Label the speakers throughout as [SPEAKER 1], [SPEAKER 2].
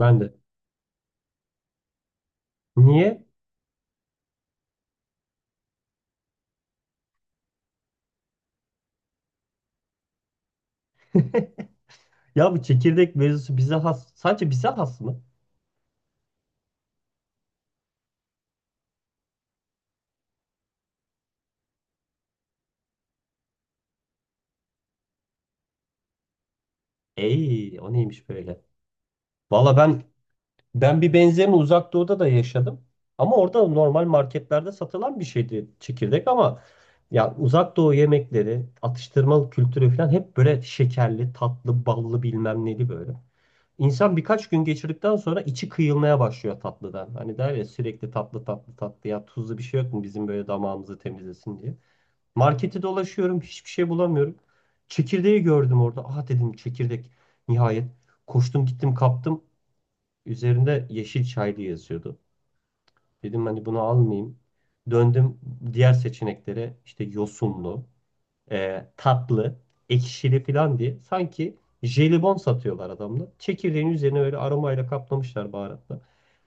[SPEAKER 1] Ben de. Niye? Ya bu çekirdek mevzusu bize has. Sadece bize has mı? Ey, o neymiş böyle? Valla ben bir benzerini Uzak Doğu'da da yaşadım. Ama orada normal marketlerde satılan bir şeydi çekirdek ama ya Uzak Doğu yemekleri, atıştırmalık kültürü falan hep böyle şekerli, tatlı, ballı bilmem neli böyle. İnsan birkaç gün geçirdikten sonra içi kıyılmaya başlıyor tatlıdan. Hani der ya sürekli tatlı tatlı tatlı ya tuzlu bir şey yok mu bizim böyle damağımızı temizlesin diye. Marketi dolaşıyorum hiçbir şey bulamıyorum. Çekirdeği gördüm orada. Aha dedim çekirdek nihayet. Koştum gittim kaptım. Üzerinde yeşil çaylı yazıyordu. Dedim hani bunu almayayım. Döndüm diğer seçeneklere işte yosunlu, tatlı, ekşili falan diye. Sanki jelibon satıyorlar adamlar. Çekirdeğin üzerine öyle aromayla kaplamışlar baharatla.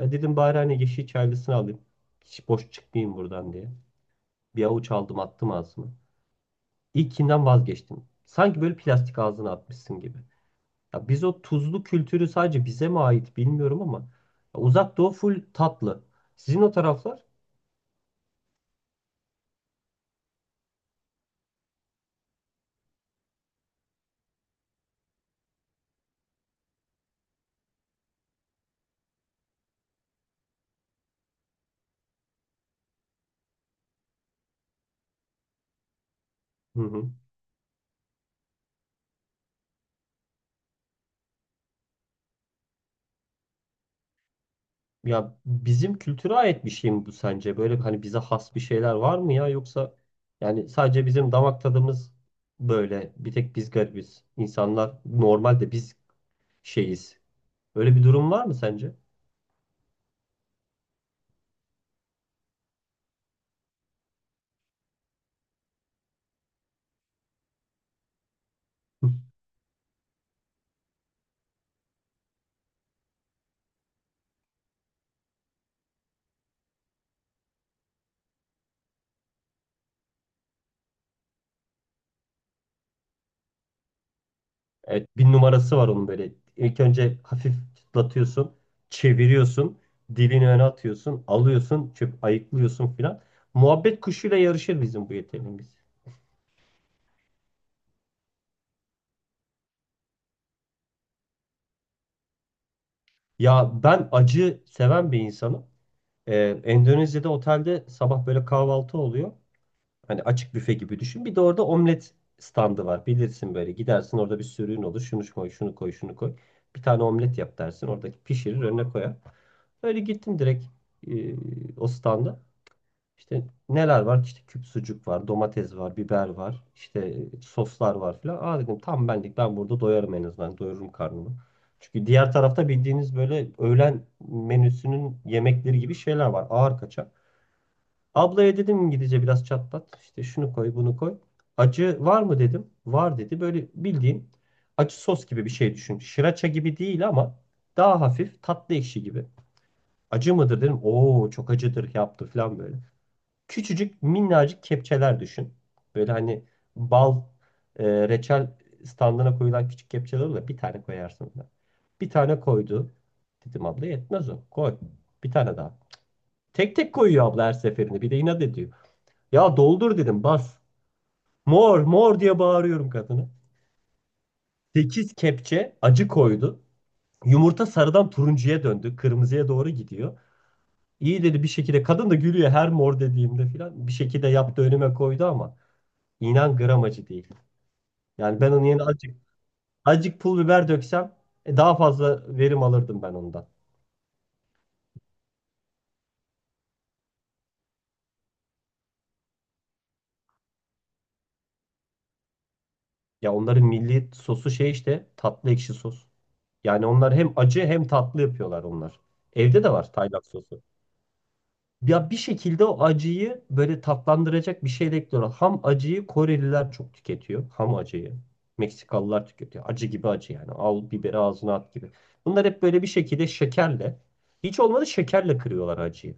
[SPEAKER 1] Ya dedim bari hani yeşil çaylısını alayım. Hiç boş çıkmayayım buradan diye. Bir avuç aldım attım ağzıma. İlkinden vazgeçtim. Sanki böyle plastik ağzına atmışsın gibi. Ya biz o tuzlu kültürü sadece bize mi ait bilmiyorum ama ya Uzak Doğu full tatlı. Sizin o taraflar? Hı hı. Ya bizim kültüre ait bir şey mi bu sence? Böyle hani bize has bir şeyler var mı ya yoksa yani sadece bizim damak tadımız böyle bir tek biz garibiz. İnsanlar normalde biz şeyiz. Öyle bir durum var mı sence? Evet bir numarası var onun böyle. İlk önce hafif çıtlatıyorsun, çeviriyorsun, dilini öne atıyorsun, alıyorsun, çöp ayıklıyorsun filan. Muhabbet kuşuyla yarışır bizim bu yeteneğimiz. Ya ben acı seven bir insanım. Endonezya'da otelde sabah böyle kahvaltı oluyor. Hani açık büfe gibi düşün. Bir de orada omlet standı var. Bilirsin böyle gidersin orada bir sürüğün olur. Şunu koy, şunu koy, şunu koy. Bir tane omlet yap dersin. Oradaki pişirir önüne koyar. Öyle gittim direkt e, o standa. İşte neler var? İşte küp sucuk var, domates var, biber var, işte soslar var filan. Aa dedim tam benlik ben burada doyarım en azından. Doyururum karnımı. Çünkü diğer tarafta bildiğiniz böyle öğlen menüsünün yemekleri gibi şeyler var. Ağır kaçak. Ablaya dedim İngilizce biraz çatlat. İşte şunu koy, bunu koy. Acı var mı dedim. Var dedi. Böyle bildiğin acı sos gibi bir şey düşün. Şıraça gibi değil ama daha hafif tatlı ekşi gibi. Acı mıdır dedim. Oo çok acıdır yaptı falan böyle. Küçücük minnacık kepçeler düşün. Böyle hani bal e, reçel standına koyulan küçük kepçeler olur ya, bir tane koyarsın da. Bir tane koydu. Dedim abla yetmez o. Koy. Bir tane daha. Tek tek koyuyor abla her seferinde. Bir de inat ediyor. Ya doldur dedim bas. Mor mor diye bağırıyorum kadına. 8 kepçe acı koydu. Yumurta sarıdan turuncuya döndü. Kırmızıya doğru gidiyor. İyi dedi bir şekilde. Kadın da gülüyor her mor dediğimde filan. Bir şekilde yaptı önüme koydu ama. İnan gram acı değil. Yani ben onun yerine azıcık, azıcık pul biber döksem daha fazla verim alırdım ben ondan. Ya onların milli sosu şey işte tatlı ekşi sos. Yani onlar hem acı hem tatlı yapıyorlar onlar. Evde de var Tayland sosu. Ya bir şekilde o acıyı böyle tatlandıracak bir şey de ekliyorlar. Ham acıyı Koreliler çok tüketiyor. Ham acıyı. Meksikalılar tüketiyor. Acı gibi acı yani. Al biberi ağzına at gibi. Bunlar hep böyle bir şekilde şekerle. Hiç olmadı şekerle kırıyorlar acıyı.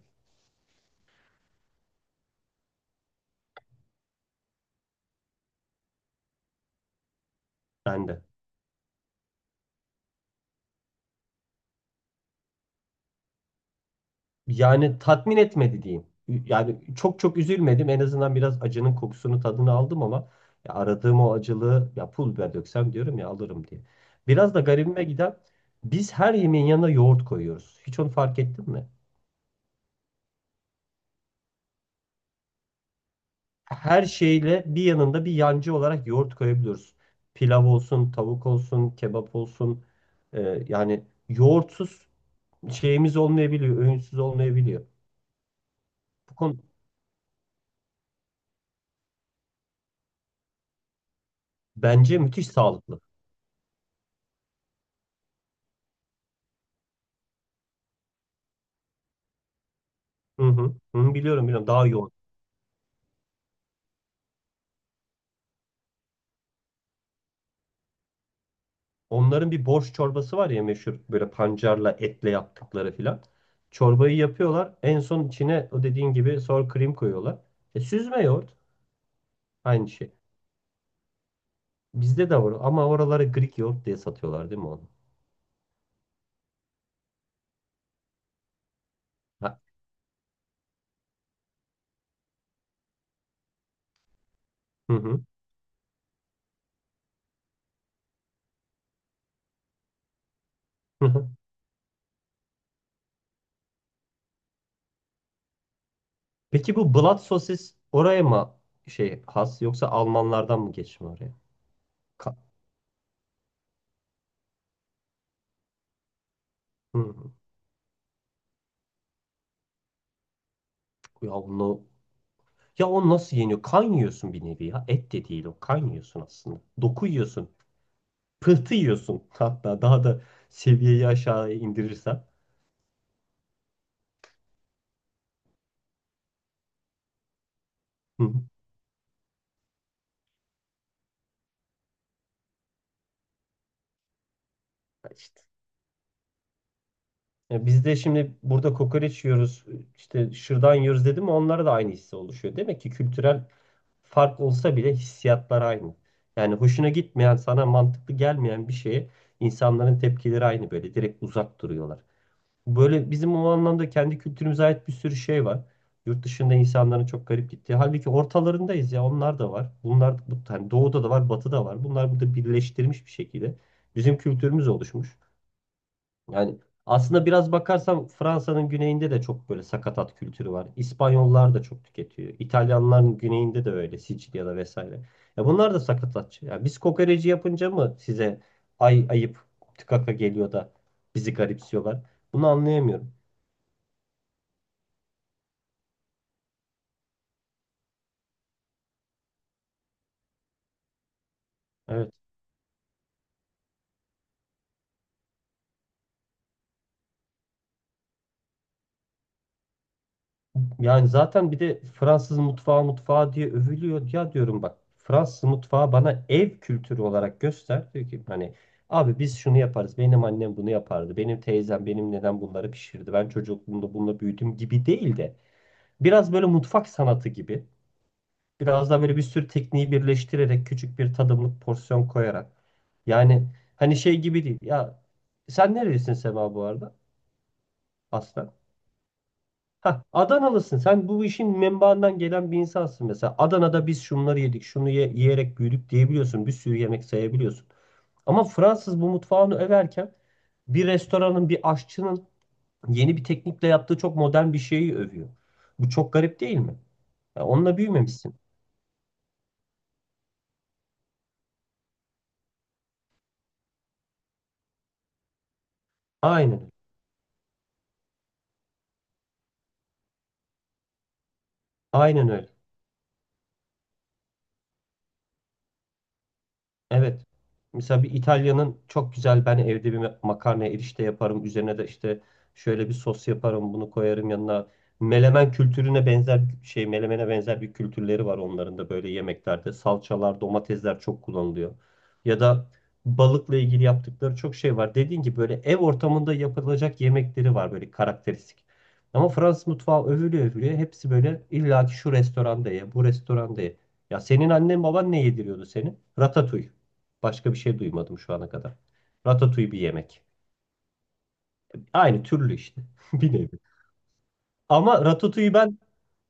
[SPEAKER 1] Bende. Yani tatmin etmedi diyeyim. Yani çok çok üzülmedim. En azından biraz acının kokusunu tadını aldım ama ya aradığım o acılığı ya pul biber döksem diyorum ya alırım diye. Biraz da garibime giden biz her yemeğin yanına yoğurt koyuyoruz. Hiç onu fark ettin mi? Her şeyle bir yanında bir yancı olarak yoğurt koyabiliyoruz. Pilav olsun, tavuk olsun, kebap olsun. Yani yoğurtsuz şeyimiz olmayabiliyor, öğünsüz olmayabiliyor. Bu konu bence müthiş sağlıklı. Hı hı, hı, biliyorum daha yoğun. Onların bir borş çorbası var ya meşhur böyle pancarla etle yaptıkları filan. Çorbayı yapıyorlar. En son içine o dediğin gibi sour cream koyuyorlar. Süzme yoğurt aynı şey. Bizde de var ama oraları Greek yoğurt diye satıyorlar değil mi onu? Ha, hı hı. hı hı. Peki bu blood sosis oraya mı şey has yoksa Almanlardan mı geçme oraya? Ka- hı hı. Ya onu ya o nasıl yeniyor? Kan yiyorsun bir nevi ya. Et de değil o. Kan yiyorsun aslında. Doku yiyorsun. Pıhtı yiyorsun hatta daha da seviyeyi aşağıya indirirsen. Hı hı. İşte. Ya biz de şimdi burada kokoreç yiyoruz, işte şırdan yiyoruz dedim mi onlara da aynı hissi oluşuyor. Demek ki kültürel fark olsa bile hissiyatlar aynı. Yani hoşuna gitmeyen, sana mantıklı gelmeyen bir şeye insanların tepkileri aynı böyle direkt uzak duruyorlar. Böyle bizim o anlamda kendi kültürümüze ait bir sürü şey var. Yurt dışında insanların çok garip gittiği. Halbuki ortalarındayız ya onlar da var. Bunlar bu hani doğuda da var, batıda var. Bunlar burada birleştirmiş bir şekilde bizim kültürümüz oluşmuş. Yani aslında biraz bakarsam Fransa'nın güneyinde de çok böyle sakatat kültürü var. İspanyollar da çok tüketiyor. İtalyanların güneyinde de öyle Sicilya'da vesaire. Ya bunlar da sakatatçı. Ya biz kokoreci yapınca mı size ay ayıp tıkaka geliyor da bizi garipsiyorlar? Bunu anlayamıyorum. Evet. Yani zaten bir de Fransız mutfağı diye övülüyor. Ya diyorum bak Fransız mutfağı bana ev kültürü olarak göster. Diyor ki hani abi biz şunu yaparız. Benim annem bunu yapardı. Benim teyzem benim neden bunları pişirdi. Ben çocukluğumda bununla büyüdüm gibi değil de biraz böyle mutfak sanatı gibi. Biraz daha böyle bir sürü tekniği birleştirerek küçük bir tadımlık porsiyon koyarak. Yani hani şey gibi değil. Ya sen nerelisin Sema bu arada? Aslen. Ha, Adanalısın. Sen bu işin menbaından gelen bir insansın mesela. Adana'da biz şunları yedik, yiyerek büyüdük diyebiliyorsun. Bir sürü yemek sayabiliyorsun. Ama Fransız bu mutfağını överken bir restoranın, bir aşçının yeni bir teknikle yaptığı çok modern bir şeyi övüyor. Bu çok garip değil mi? Ya onunla büyümemişsin. Aynen. Aynen öyle. Evet. Mesela bir İtalya'nın çok güzel ben evde bir makarna erişte yaparım. Üzerine de işte şöyle bir sos yaparım. Bunu koyarım yanına. Melemen kültürüne benzer şey melemene benzer bir kültürleri var onların da böyle yemeklerde. Salçalar, domatesler çok kullanılıyor. Ya da balıkla ilgili yaptıkları çok şey var. Dediğin gibi böyle ev ortamında yapılacak yemekleri var böyle karakteristik. Ama Fransız mutfağı övülüyor övülüyor. Hepsi böyle illa ki şu restoranda ye, bu restoranda ye. Ya senin annen baban ne yediriyordu seni? Ratatouille. Başka bir şey duymadım şu ana kadar. Ratatouille bir yemek. Aynı türlü işte. Bir nevi. Ama ratatouille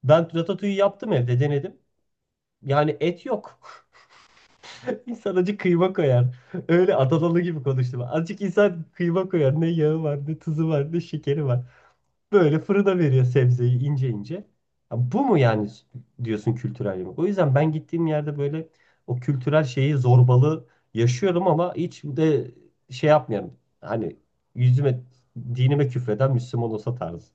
[SPEAKER 1] ben ratatouille yaptım evde denedim. Yani et yok. İnsan acık kıyma koyar. Öyle Adanalı gibi konuştum. Azıcık insan kıyma koyar. Ne yağı var, ne tuzu var, ne şekeri var. Böyle fırına veriyor sebzeyi ince ince. Ya bu mu yani diyorsun kültürel yemek? O yüzden ben gittiğim yerde böyle o kültürel şeyi zorbalığı yaşıyorum ama hiç de şey yapmıyorum. Hani yüzüme, dinime küfreden Müslüman olsa tarzı.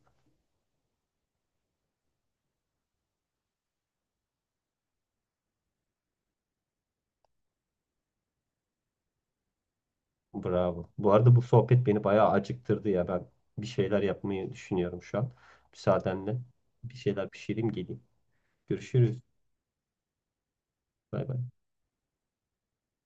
[SPEAKER 1] Bravo. Bu arada bu sohbet beni bayağı acıktırdı ya. Ben bir şeyler yapmayı düşünüyorum şu an. Müsaadenle bir şeyler pişireyim geleyim. Görüşürüz. Bay bay.